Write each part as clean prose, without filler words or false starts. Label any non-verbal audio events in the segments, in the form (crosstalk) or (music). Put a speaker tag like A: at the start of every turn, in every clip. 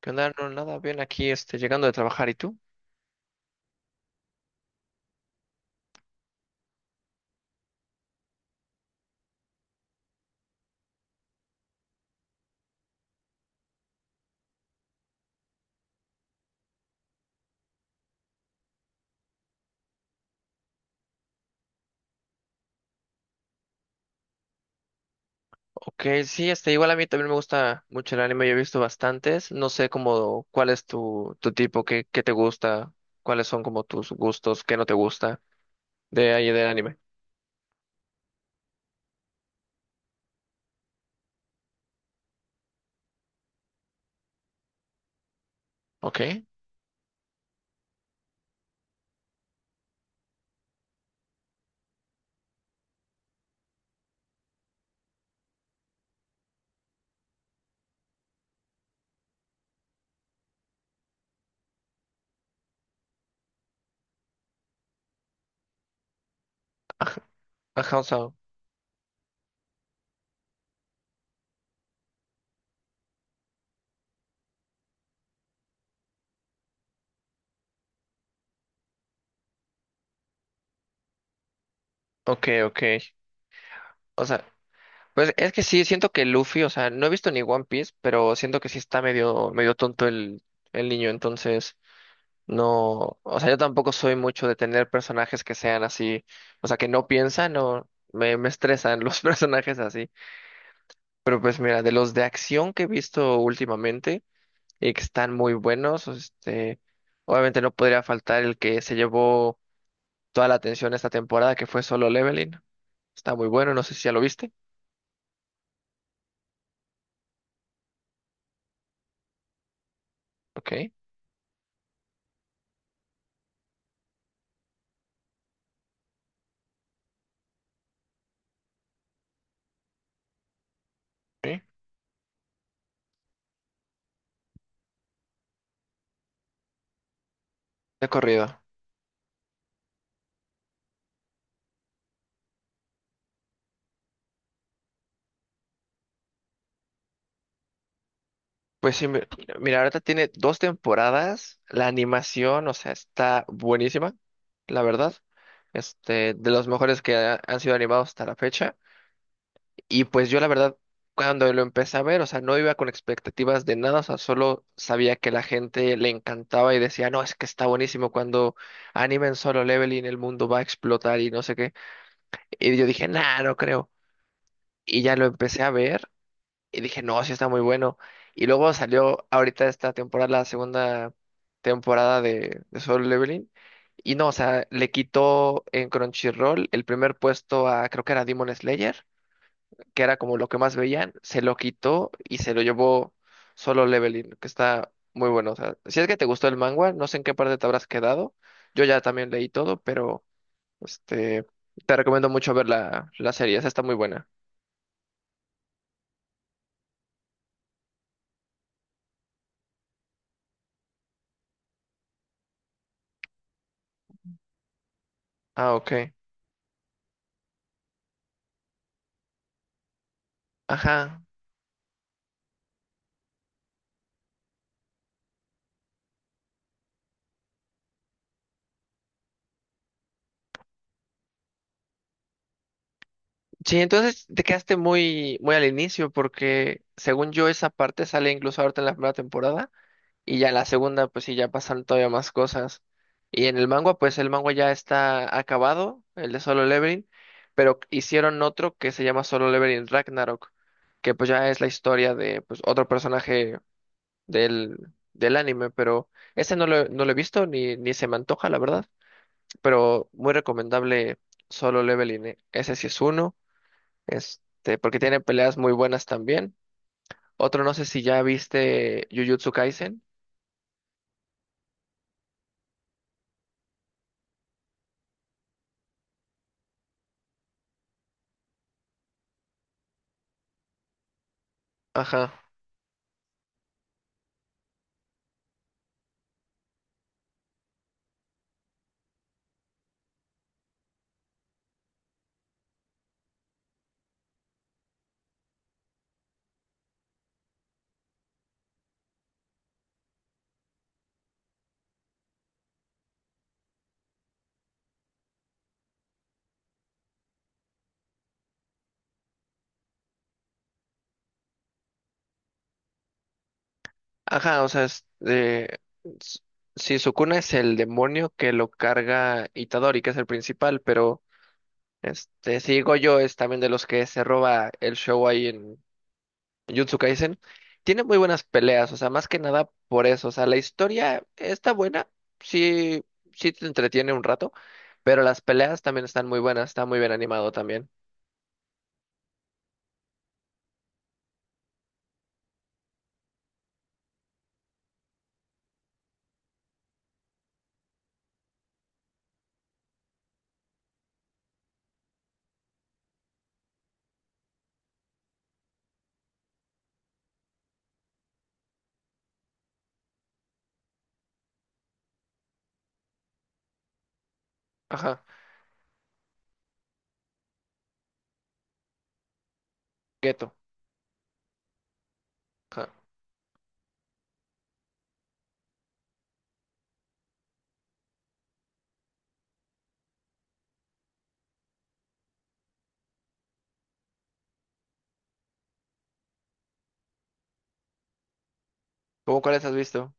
A: ¿Qué onda? No, nada, bien aquí, llegando de trabajar, ¿y tú? Ok, sí, igual a mí también me gusta mucho el anime. Yo he visto bastantes. No sé cómo, cuál es tu tipo, qué te gusta, cuáles son como tus gustos, qué no te gusta de ahí del anime. Ok, ajá, ajá, o sea, ok, ok, o sea, pues es que sí, siento que Luffy, o sea, no he visto ni One Piece, pero siento que sí está medio tonto el niño, entonces... No, o sea, yo tampoco soy mucho de tener personajes que sean así, o sea, que no piensan o me estresan los (laughs) personajes así. Pero pues mira, de los de acción que he visto últimamente y que están muy buenos, obviamente no podría faltar el que se llevó toda la atención esta temporada, que fue Solo Leveling. Está muy bueno, no sé si ya lo viste. Ok. Sí. De corrido. Pues sí, mira, ahorita tiene dos temporadas, la animación, o sea, está buenísima, la verdad. De los mejores que han sido animados hasta la fecha. Y pues yo la verdad, cuando lo empecé a ver, o sea, no iba con expectativas de nada, o sea, solo sabía que la gente le encantaba y decía, no, es que está buenísimo cuando animen Solo Leveling, el mundo va a explotar y no sé qué. Y yo dije, nah, no creo. Y ya lo empecé a ver y dije, no, sí está muy bueno. Y luego salió ahorita esta temporada, la segunda temporada de Solo Leveling. Y no, o sea, le quitó en Crunchyroll el primer puesto a, creo que era Demon Slayer, que era como lo que más veían. Se lo quitó y se lo llevó Solo Leveling, que está muy bueno. O sea, si es que te gustó el manga, no sé en qué parte te habrás quedado. Yo ya también leí todo, pero este, te recomiendo mucho ver la serie. Esa está muy buena. Ah, ok. Ajá. Sí, entonces te quedaste muy, muy al inicio, porque según yo esa parte sale incluso ahorita en la primera temporada, y ya en la segunda, pues sí, ya pasan todavía más cosas. Y en el manga, pues el manga ya está acabado, el de Solo Leveling, pero hicieron otro que se llama Solo Leveling Ragnarok, que pues ya es la historia de pues, otro personaje del, del anime, pero ese no lo he visto ni se me antoja, la verdad, pero muy recomendable Solo Leveling, ¿eh? Ese sí es uno. Porque tiene peleas muy buenas también. Otro, no sé si ya viste Jujutsu Kaisen. Ajá. Ajá, o sea, s- sí, Sukuna es el demonio que lo carga Itadori, que es el principal, pero si Gojo es también de los que se roba el show ahí en Jujutsu Kaisen. Tiene muy buenas peleas, o sea, más que nada por eso. O sea, la historia está buena, sí, sí te entretiene un rato, pero las peleas también están muy buenas, está muy bien animado también. Ajá. Ghetto. Ajá. ¿Cómo cuáles has visto?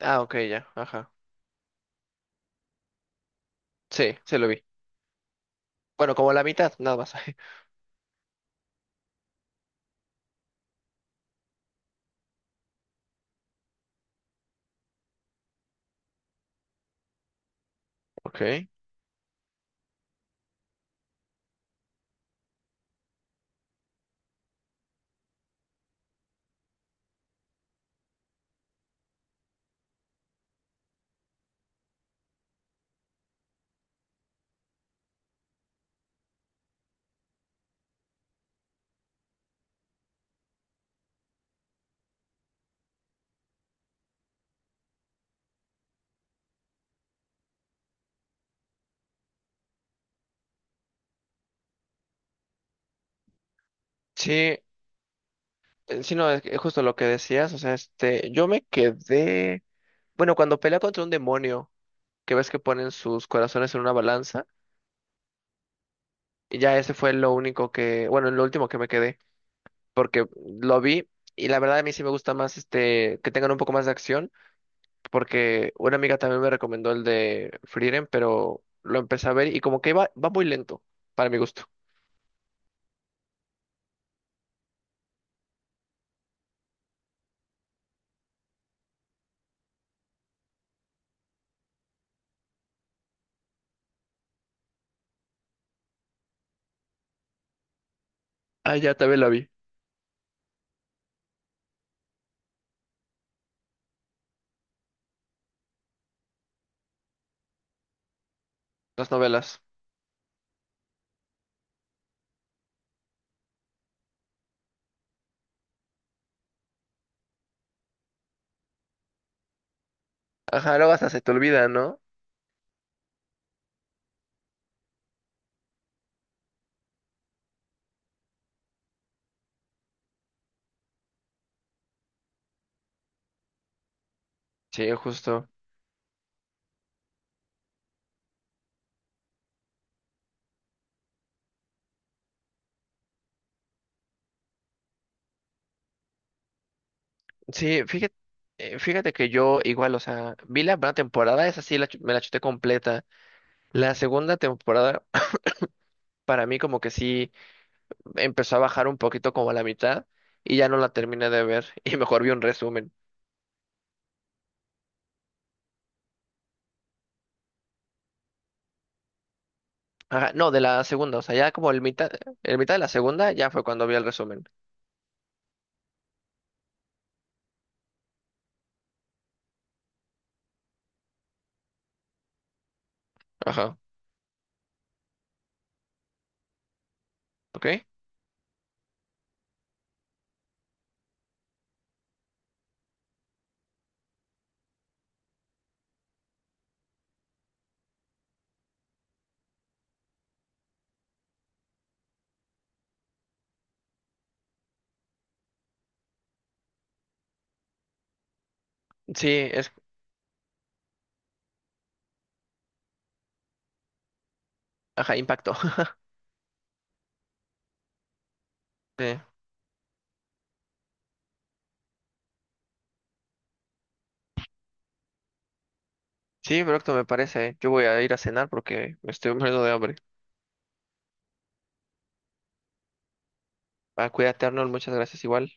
A: Ah, ok, ya. Ajá. Sí, se lo vi. Bueno, como la mitad, nada más. (laughs) Ok. Sí, sí, no, es que justo lo que decías. O sea, yo me quedé. Bueno, cuando pelea contra un demonio, que ves que ponen sus corazones en una balanza, y ya ese fue lo único que. Bueno, lo último que me quedé, porque lo vi. Y la verdad a mí sí me gusta más que tengan un poco más de acción, porque una amiga también me recomendó el de Frieren, pero lo empecé a ver y como que va muy lento, para mi gusto. Ah, ya también la vi. Las novelas. Ajá, luego hasta se te olvida, ¿no? Sí, justo. Sí, fíjate, fíjate que yo igual, o sea, vi la primera temporada, esa sí me la chuté completa. La segunda temporada, (clears throat) para mí como que sí empezó a bajar un poquito como a la mitad y ya no la terminé de ver (laughs) y mejor vi un resumen. Ajá, no, de la segunda, o sea, ya como el mitad de la segunda ya fue cuando vi el resumen. Ajá, ¿ok? Sí, es, ajá, impacto. (laughs) Sí, perfecto, me parece. ¿Eh? Yo voy a ir a cenar porque me estoy (laughs) muriendo de hambre. Ah, cuídate, Arnold, muchas gracias igual.